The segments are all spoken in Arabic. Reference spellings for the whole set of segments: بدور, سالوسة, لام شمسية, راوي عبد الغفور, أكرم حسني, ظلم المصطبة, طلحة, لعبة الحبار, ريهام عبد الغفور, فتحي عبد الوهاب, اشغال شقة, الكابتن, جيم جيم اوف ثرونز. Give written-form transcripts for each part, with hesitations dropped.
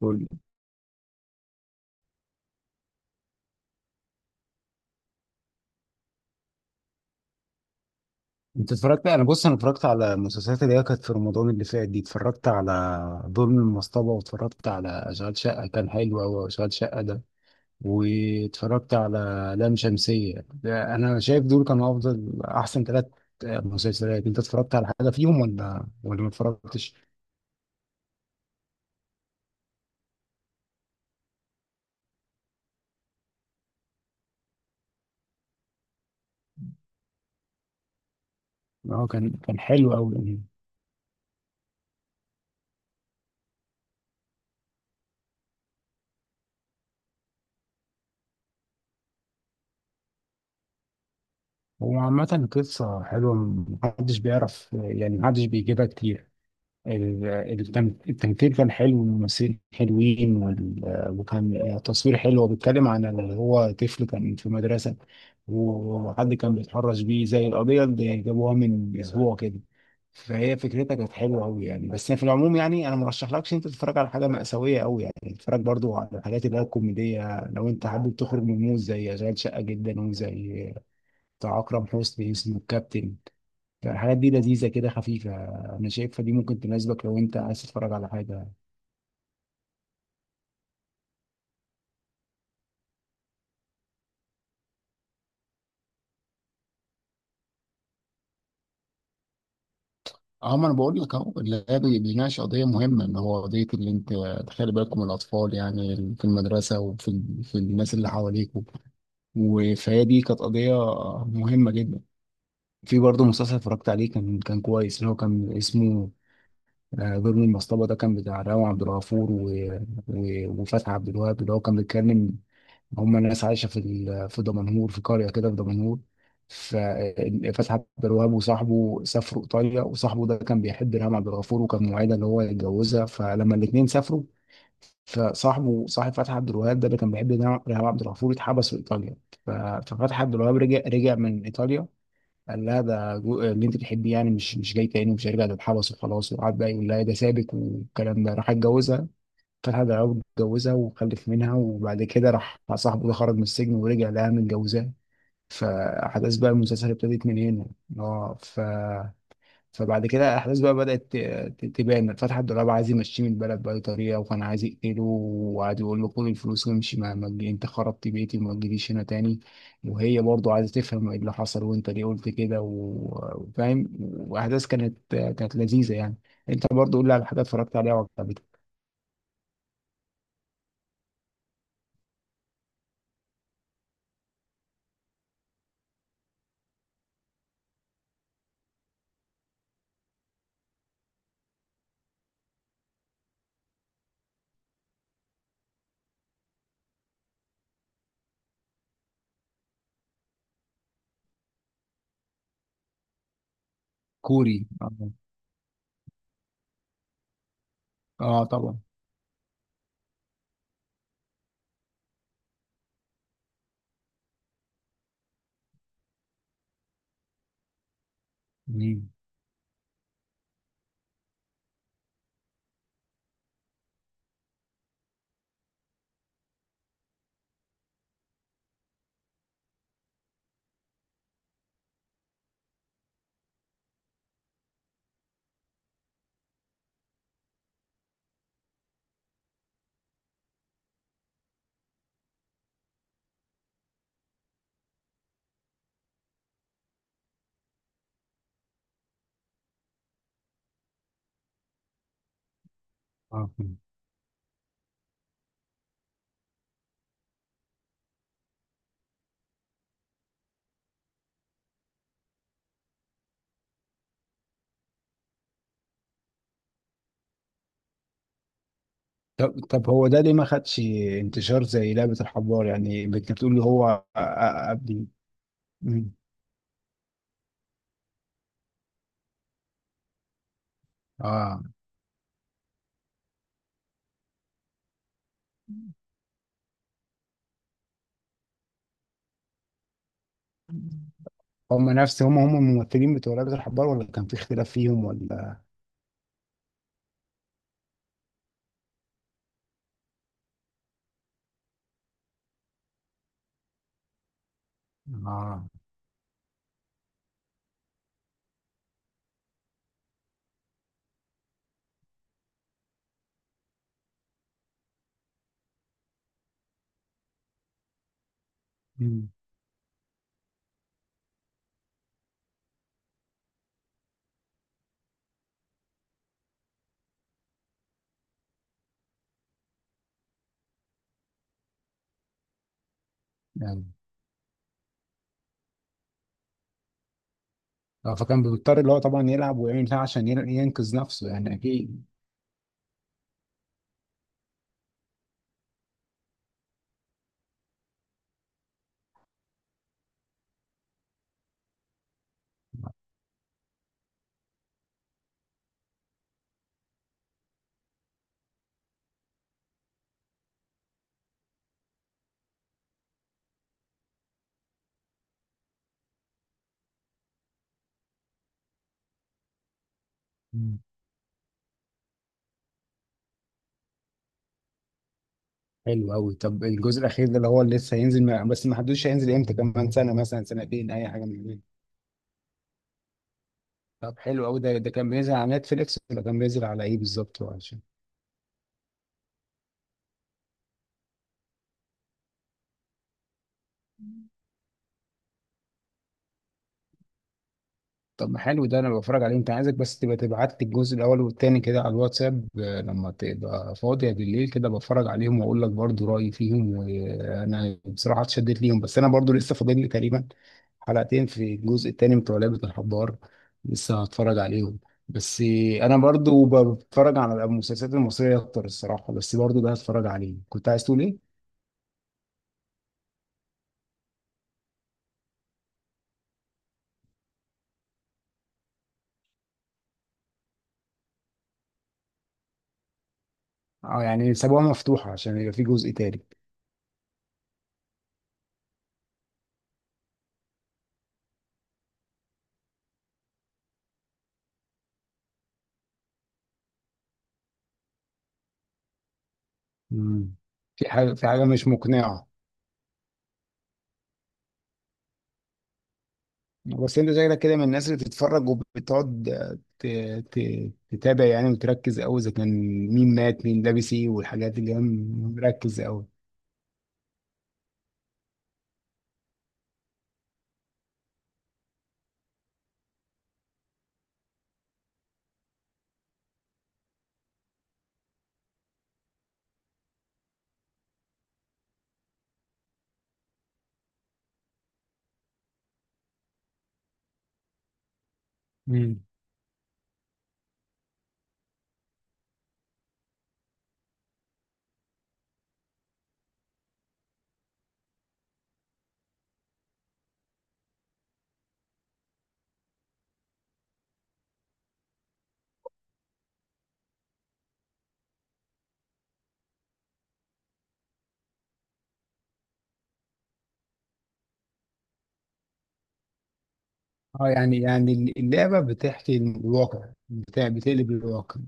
قول. انت اتفرجت. انا اتفرجت على المسلسلات اللي هي كانت في رمضان اللي فات دي. اتفرجت على ظلم المصطبة، واتفرجت على اشغال شقة، كان حلو قوي اشغال شقة ده، واتفرجت على لام شمسية ده. انا شايف دول كانوا افضل احسن ثلاث مسلسلات. انت اتفرجت على حاجة فيهم ولا ما اتفرجتش؟ اه كان حلو قوي. هو عامة قصة حلوة، محدش بيعرف يعني محدش بيجيبها كتير. ال- التمثيل كان حلو والممثلين حلوين وكان تصوير حلو. هو بيتكلم عن اللي هو طفل كان في مدرسة وحد كان بيتحرش بيه زي القضية اللي جابوها من أسبوع كده. فهي فكرتها كانت حلوة أوي يعني. بس في العموم يعني أنا مرشحلكش أنت تتفرج على حاجة مأساوية أوي يعني، تتفرج برضو على الحاجات اللي هي الكوميدية لو أنت حابب تخرج من المود، زي أشغال شقة جدا، وزي بتاع أكرم حسني اسمه الكابتن. فالحاجات دي لذيذه كده خفيفه، انا شايفها دي ممكن تناسبك لو انت عايز تتفرج على حاجه. اه ما انا بقول لك اهو، اللي هي بيناقش قضيه مهمه، اللي هو قضيه اللي انت تخلي بالكم من الاطفال يعني في المدرسه وفي في الناس اللي حواليكم. وفهي دي كانت قضيه مهمه جدا. في برضه مسلسل اتفرجت عليه كان كويس، اللي هو كان اسمه ظلم المصطبة. ده كان بتاع راوي عبد الغفور وفتحي عبد الوهاب، اللي هو كان بيتكلم. هم ناس عايشه في في دمنهور، في قريه كده في دمنهور. ففتحي عبد الوهاب وصاحبه سافروا ايطاليا، وصاحبه ده كان بيحب ريهام عبد الغفور وكان موعدها ان هو يتجوزها. فلما الاثنين سافروا، فصاحبه صاحب فتحي عبد الوهاب ده اللي كان بيحب ريهام عبد الغفور اتحبس في ايطاليا. ف- ففتحي عبد الوهاب رجع من ايطاليا، قال لها ده اللي انت بتحبيه يعني مش جاي تاني ومش هيرجع، تتحبس وخلاص. وقعد بقى يقول لها إيه ده سابك والكلام ده. راح اتجوزها، طلحة ضرب اتجوزها وخلف منها. وبعد كده راح صاحبه ده خرج من السجن، ورجع لها متجوزاه. فأحداث بقى المسلسل ابتدت من هنا. اه فبعد كده الأحداث بقى بدأت تبان. فتحي الدولاب عايز يمشيه من البلد بأي طريقة، وكان عايز يقتله وقعد يقول له خد الفلوس وامشي، ما ما تجي- أنت خربت بيتي وما تجيليش هنا تاني. وهي برضو عايزة تفهم ايه اللي حصل وأنت ليه قلت كده وفاهم. وأحداث كانت لذيذة يعني. أنت برضو قول لي على حاجة اتفرجت عليها وعجبتك. كوري؟ اه طبعا. مم. اه مم. طب هو ده ليه ما خدش انتشار زي لعبة الحبار؟ يعني كنت بتقول اللي هو قبل. مم. اه. هم نفس هم الممثلين بتوع لعبة الحبار، ولا كان في اختلاف فيهم ولا؟ اه مم. يعني اه فكان بيضطر اللي هو طبعا يلعب ويعمل بتاع عشان ينقذ نفسه يعني اكيد. مم. حلو قوي. طب الجزء الاخير ده اللي هو اللي لسه هينزل بس ما حدوش، هينزل امتى؟ كمان سنة مثلا، سنتين، اي حاجة من دي؟ طب حلو قوي. ده كان بينزل على نتفليكس، ولا كان بينزل على ايه بالظبط؟ عشان طب ما حلو ده انا بتفرج عليه. انت عايزك بس تبقى تبعت لي الجزء الاول والتاني كده على الواتساب، لما تبقى فاضيه بالليل كده بتفرج عليهم واقول لك برضو رايي فيهم. وانا بصراحه اتشدت ليهم، بس انا برضو لسه فاضل لي تقريبا حلقتين في الجزء التاني بتوع لعبه الحبار، لسه هتفرج عليهم. بس انا برضو بتفرج على المسلسلات المصريه اكتر الصراحه، بس برضو ده هتفرج عليه. كنت عايز تقول ايه؟ اه يعني سابوها مفتوحة عشان يبقى في جزء تالت. مم. في حاجة في حاجة مش مقنعة. بس انت شكلك كده من الناس اللي بتتفرج وبتقعد ت... ت... تتابع يعني، وتركز قوي اذا كان مين مات مين لابس ايه، والحاجات دي اللي هم مركز قوي. مم. اه يعني اللعبة بتحكي الواقع بتاع، بتقلب الواقع.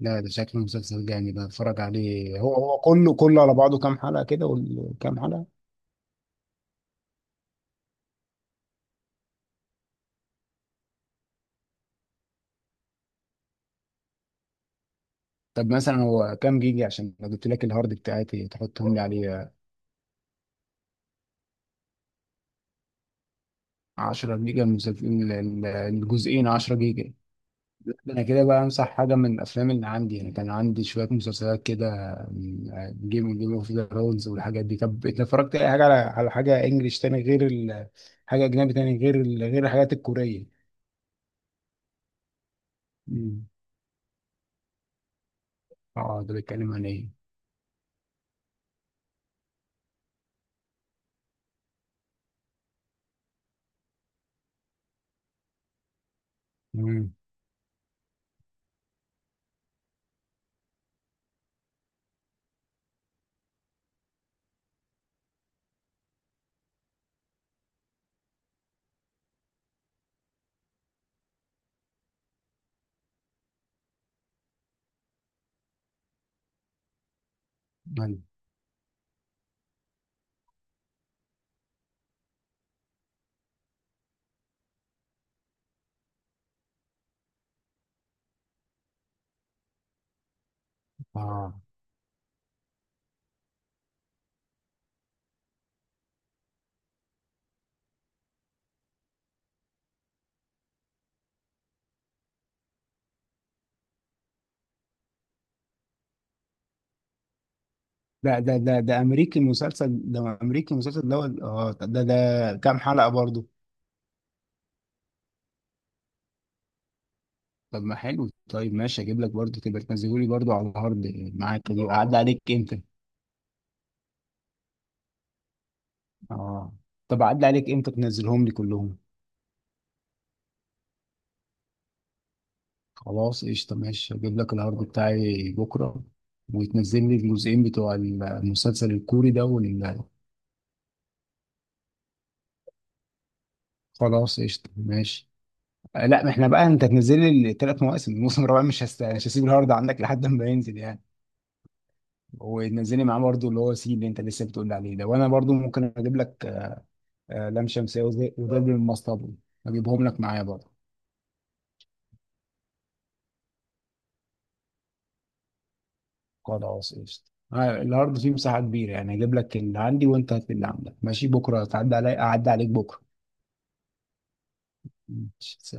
لا ده شكل مسلسل جامد، أنا بتفرج عليه. هو كله على بعضه كام حلقة كده؟ وكام حلقة؟ طب مثلا هو كام جيجا؟ عشان لو جبت لك الهارد بتاعتي تحطهم لي عليه. 10 جيجا المسلسل؟ الجزئين 10 جيجا؟ ده انا كده بقى امسح حاجه من الافلام اللي عندي، انا كان عندي شويه مسلسلات كده، جيم اوف ثرونز والحاجات دي. طب انت اتفرجت اي حاجه على حاجه انجليش تاني غير حاجه اجنبي تاني، غير غير الحاجات الكوريه؟ مم. اه ده بيتكلم عن ايه؟ مم. أيوة. اه ده امريكي المسلسل ده؟ امريكي المسلسل ده ده كام حلقه برضه؟ طب ما حلو، طيب ماشي اجيب لك برضه تبقى تنزله لي برضه على الهارد معاك. دي اعدي عليك امتى؟ اه طب اعدي عليك امتى تنزلهم لي كلهم؟ خلاص قشطه ماشي، اجيب لك الهارد بتاعي بكره، وتنزل لي الجزئين بتوع المسلسل الكوري ده خلاص قشطه ماشي. لا ما احنا بقى انت تنزل لي الثلاث مواسم الموسم الرابع مش هسيب الهارد عندك لحد ما ينزل يعني. وتنزلي معاه برضه اللي هو سي اللي انت لسه بتقول لي عليه ده. وانا برضه ممكن اجيب لك لام شمسية وظل المصطبة، هجيبهم لك معايا برضه. خلاص قشطة، الأرض فيه مساحة كبيرة يعني، هجيب لك اللي عندي وأنت هات لي اللي عندك. ماشي بكرة تعدي علي، أعدي عليك بكرة. ماشي.